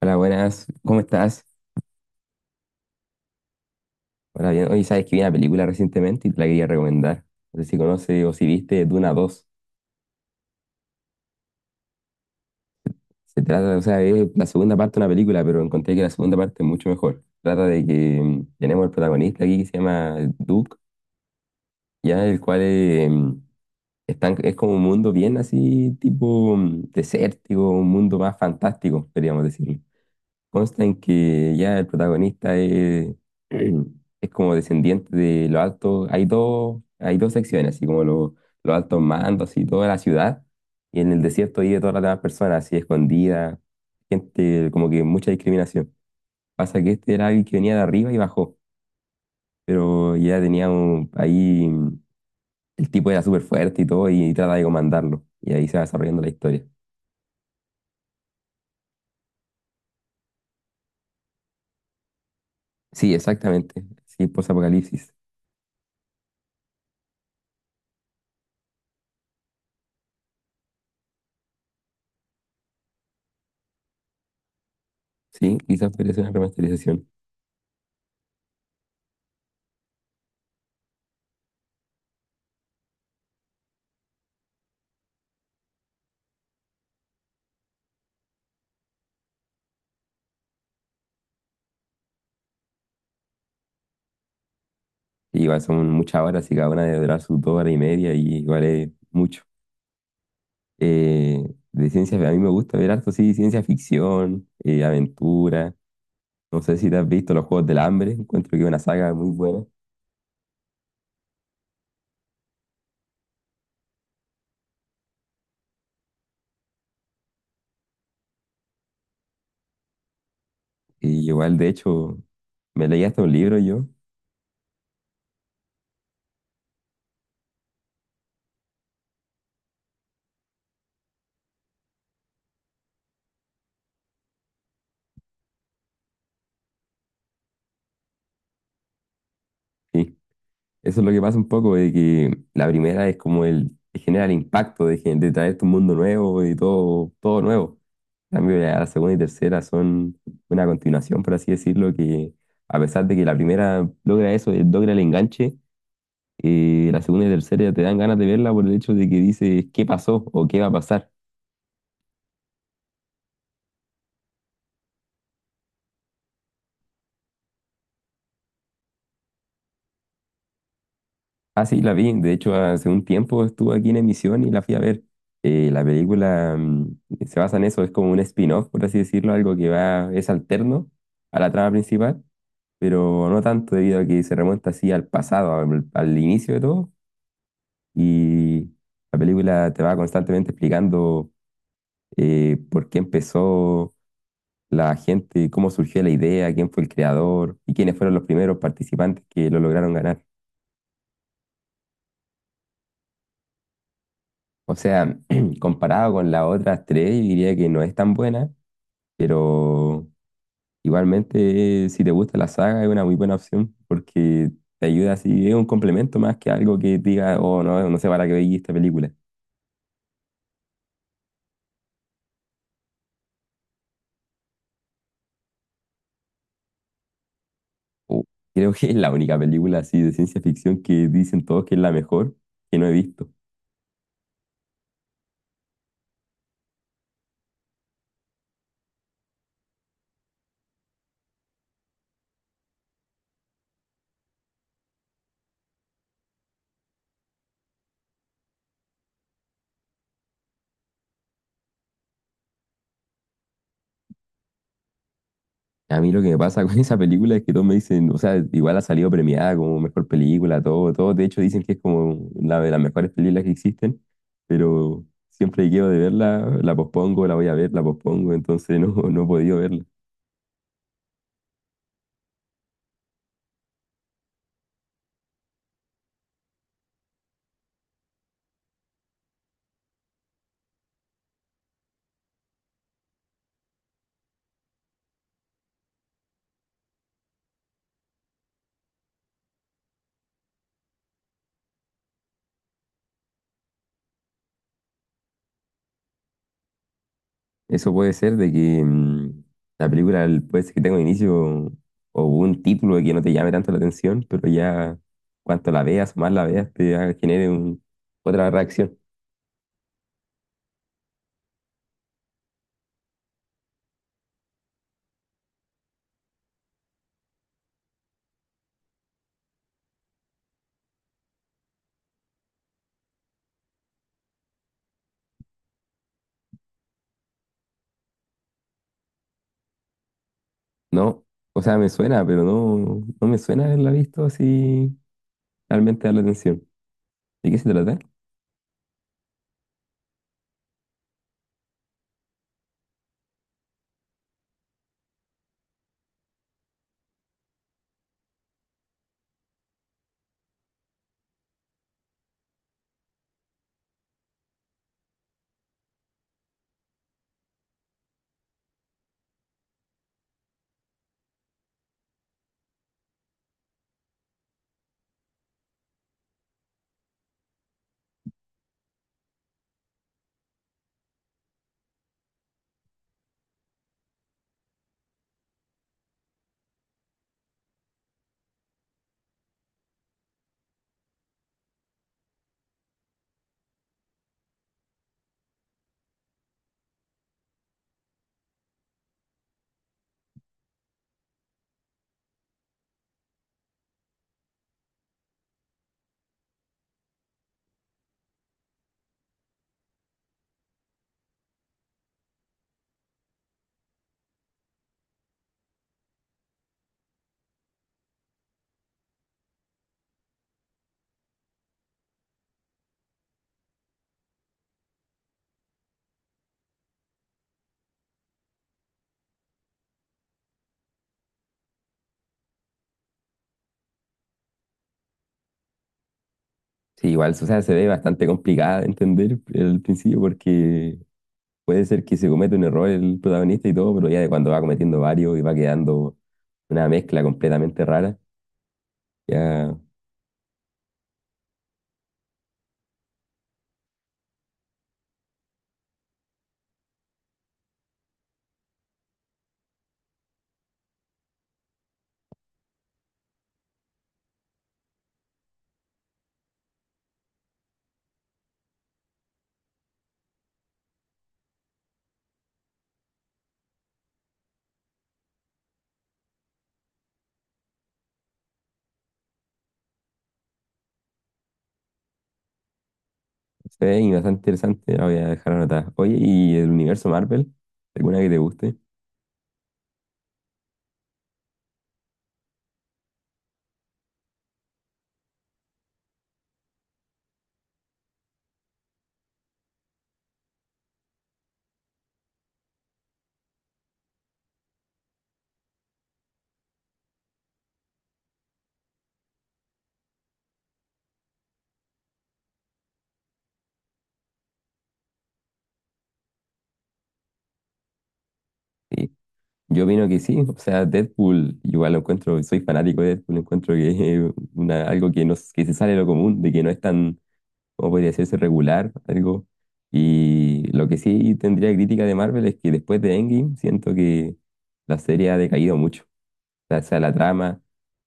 Hola, buenas. ¿Cómo estás? Hola, bien. Oye, sabes que vi una película recientemente y te la quería recomendar. No sé si conoces o si viste Duna dos. Se trata, o sea, es la segunda parte de una película, pero encontré que la segunda parte es mucho mejor. Trata de que tenemos el protagonista aquí que se llama Duke, ya el cual es como un mundo bien así, tipo desértico, un mundo más fantástico, podríamos decir. Consta en que ya el protagonista es, es como descendiente de los altos. Hay dos secciones, así como los altos mandos y toda la ciudad. Y en el desierto vive todas las demás personas, así escondidas. Gente, como que mucha discriminación. Pasa que este era alguien que venía de arriba y bajó. Pero ya tenía un, ahí. El tipo era súper fuerte y todo, y trata de comandarlo. Y ahí se va desarrollando la historia. Sí, exactamente. Sí, post-apocalipsis. Sí, quizás podría ser una remasterización. Y igual son muchas horas y cada una debe durar sus dos horas y media y igual es mucho. Eh, de ciencia, a mí me gusta ver harto, sí, ciencia ficción, aventura. No sé si te has visto los Juegos del Hambre, encuentro que es una saga muy buena. Y igual, de hecho, me leí hasta un libro yo. Sí, eso es lo que pasa un poco, de que la primera es como el, genera el impacto de, de traerte un mundo nuevo y todo, todo nuevo. En cambio, ya la segunda y tercera son una continuación, por así decirlo, que a pesar de que la primera logra eso, logra el enganche, la segunda y tercera ya te dan ganas de verla por el hecho de que dices qué pasó o qué va a pasar. Ah, sí, la vi. De hecho, hace un tiempo estuvo aquí en emisión y la fui a ver. La película se basa en eso, es como un spin-off, por así decirlo, algo que va, es alterno a la trama principal, pero no tanto debido a que se remonta así al pasado, al inicio de todo, y la película te va constantemente explicando por qué empezó la gente, cómo surgió la idea, quién fue el creador y quiénes fueron los primeros participantes que lo lograron ganar. O sea, comparado con las otras tres, yo diría que no es tan buena, pero igualmente, si te gusta la saga es una muy buena opción porque te ayuda así, es un complemento más que algo que diga, oh no, no sé para qué veí esta película. Uh, Creo que es la única película así de ciencia ficción que dicen todos que es la mejor que no he visto. A mí lo que me pasa con esa película es que todos me dicen, o sea, igual ha salido premiada como mejor película, todo, todo. De hecho, dicen que es como una de las mejores películas que existen, pero siempre que quedo de verla, la pospongo, la voy a ver, la pospongo, entonces no, no he podido verla. Eso puede ser de que la película puede ser que tenga un inicio o un título que no te llame tanto la atención, pero ya cuanto la veas o más la veas, genere otra reacción. No, o sea, me suena, pero no, no me suena haberla visto así realmente dar la atención. ¿De qué se trata? Sí, igual, o sea, se ve bastante complicada de entender al principio porque puede ser que se cometa un error el protagonista y todo, pero ya de cuando va cometiendo varios y va quedando una mezcla completamente rara, ya. Sí, bastante interesante, la voy a dejar anotada. Oye, ¿y el universo Marvel? ¿Alguna que te guste? Sí. Yo opino que sí, o sea, Deadpool, igual lo encuentro, soy fanático de Deadpool, encuentro que es una, algo que, no, que se sale de lo común, de que no es tan, como podría decirse, regular, algo. Y lo que sí tendría crítica de Marvel es que después de Endgame siento que la serie ha decaído mucho, o sea, sea la trama.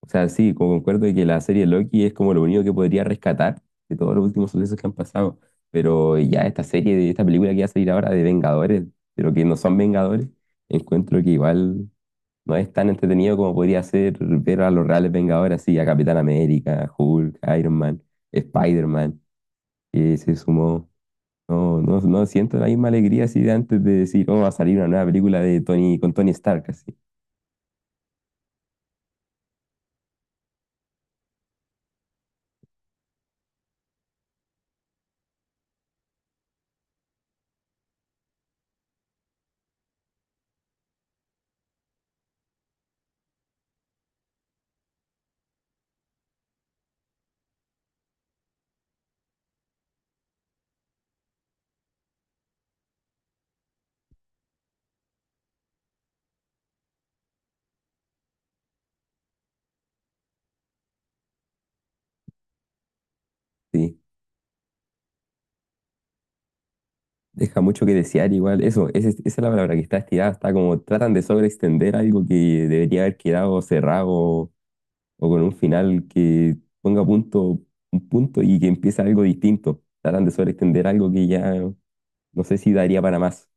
O sea, sí, como concuerdo de que la serie Loki es como lo único que podría rescatar de todos los últimos sucesos que han pasado. Pero ya esta serie, de esta película que va a salir ahora de Vengadores, pero que no son Vengadores, encuentro que igual no es tan entretenido como podría ser ver a los reales Vengadores, así a Capitán América, Hulk, Iron Man, Spider-Man, que se sumó. No, no, no siento la misma alegría así de antes de decir, oh, va a salir una nueva película de Tony, con Tony Stark, así. Sí. Deja mucho que desear igual. Eso, esa es la palabra que está estirada. Está como tratan de sobreextender algo que debería haber quedado cerrado o con un final que ponga punto, un punto y que empiece algo distinto. Tratan de sobreextender algo que ya no sé si daría para más.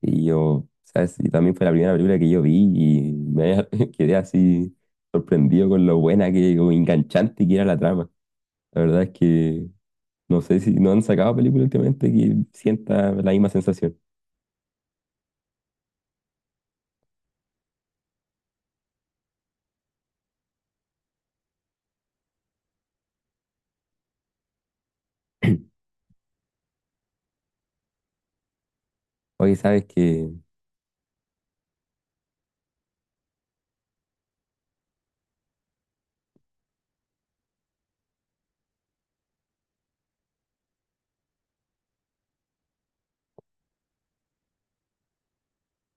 Sí, yo, sabes, y también fue la primera película que yo vi y me quedé así sorprendido con lo buena que, como enganchante que era la trama. La verdad es que no sé si no han sacado película últimamente que sienta la misma sensación. Oye, sabes que,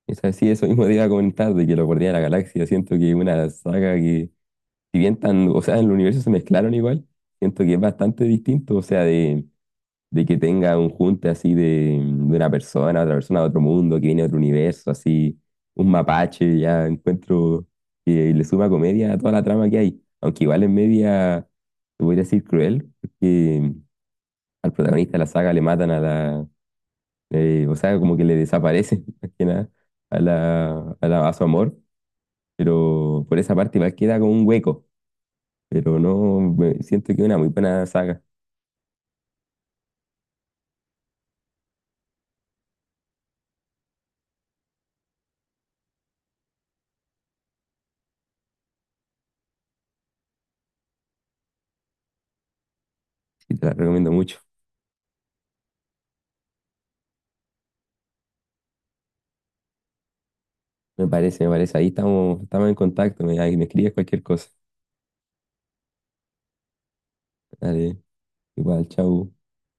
esa sí, eso mismo te iba a comentar, de que los Guardianes de la Galaxia, siento que es una saga que, si bien tan, o sea, en el universo se mezclaron igual, siento que es bastante distinto, o sea, de que tenga un junte así de una persona, otra persona de otro mundo, que viene de otro universo, así, un mapache, ya encuentro que le suma comedia a toda la trama que hay, aunque igual es media, te voy a decir cruel, porque al protagonista de la saga le matan a la, o sea, como que le desaparece, más que nada, a la, a su amor, pero por esa parte igual queda como un hueco, pero no, siento que es una muy buena saga, y te la recomiendo mucho. Me parece, ahí estamos, estamos en contacto, me, ahí me escribes cualquier cosa. Dale, igual, chau.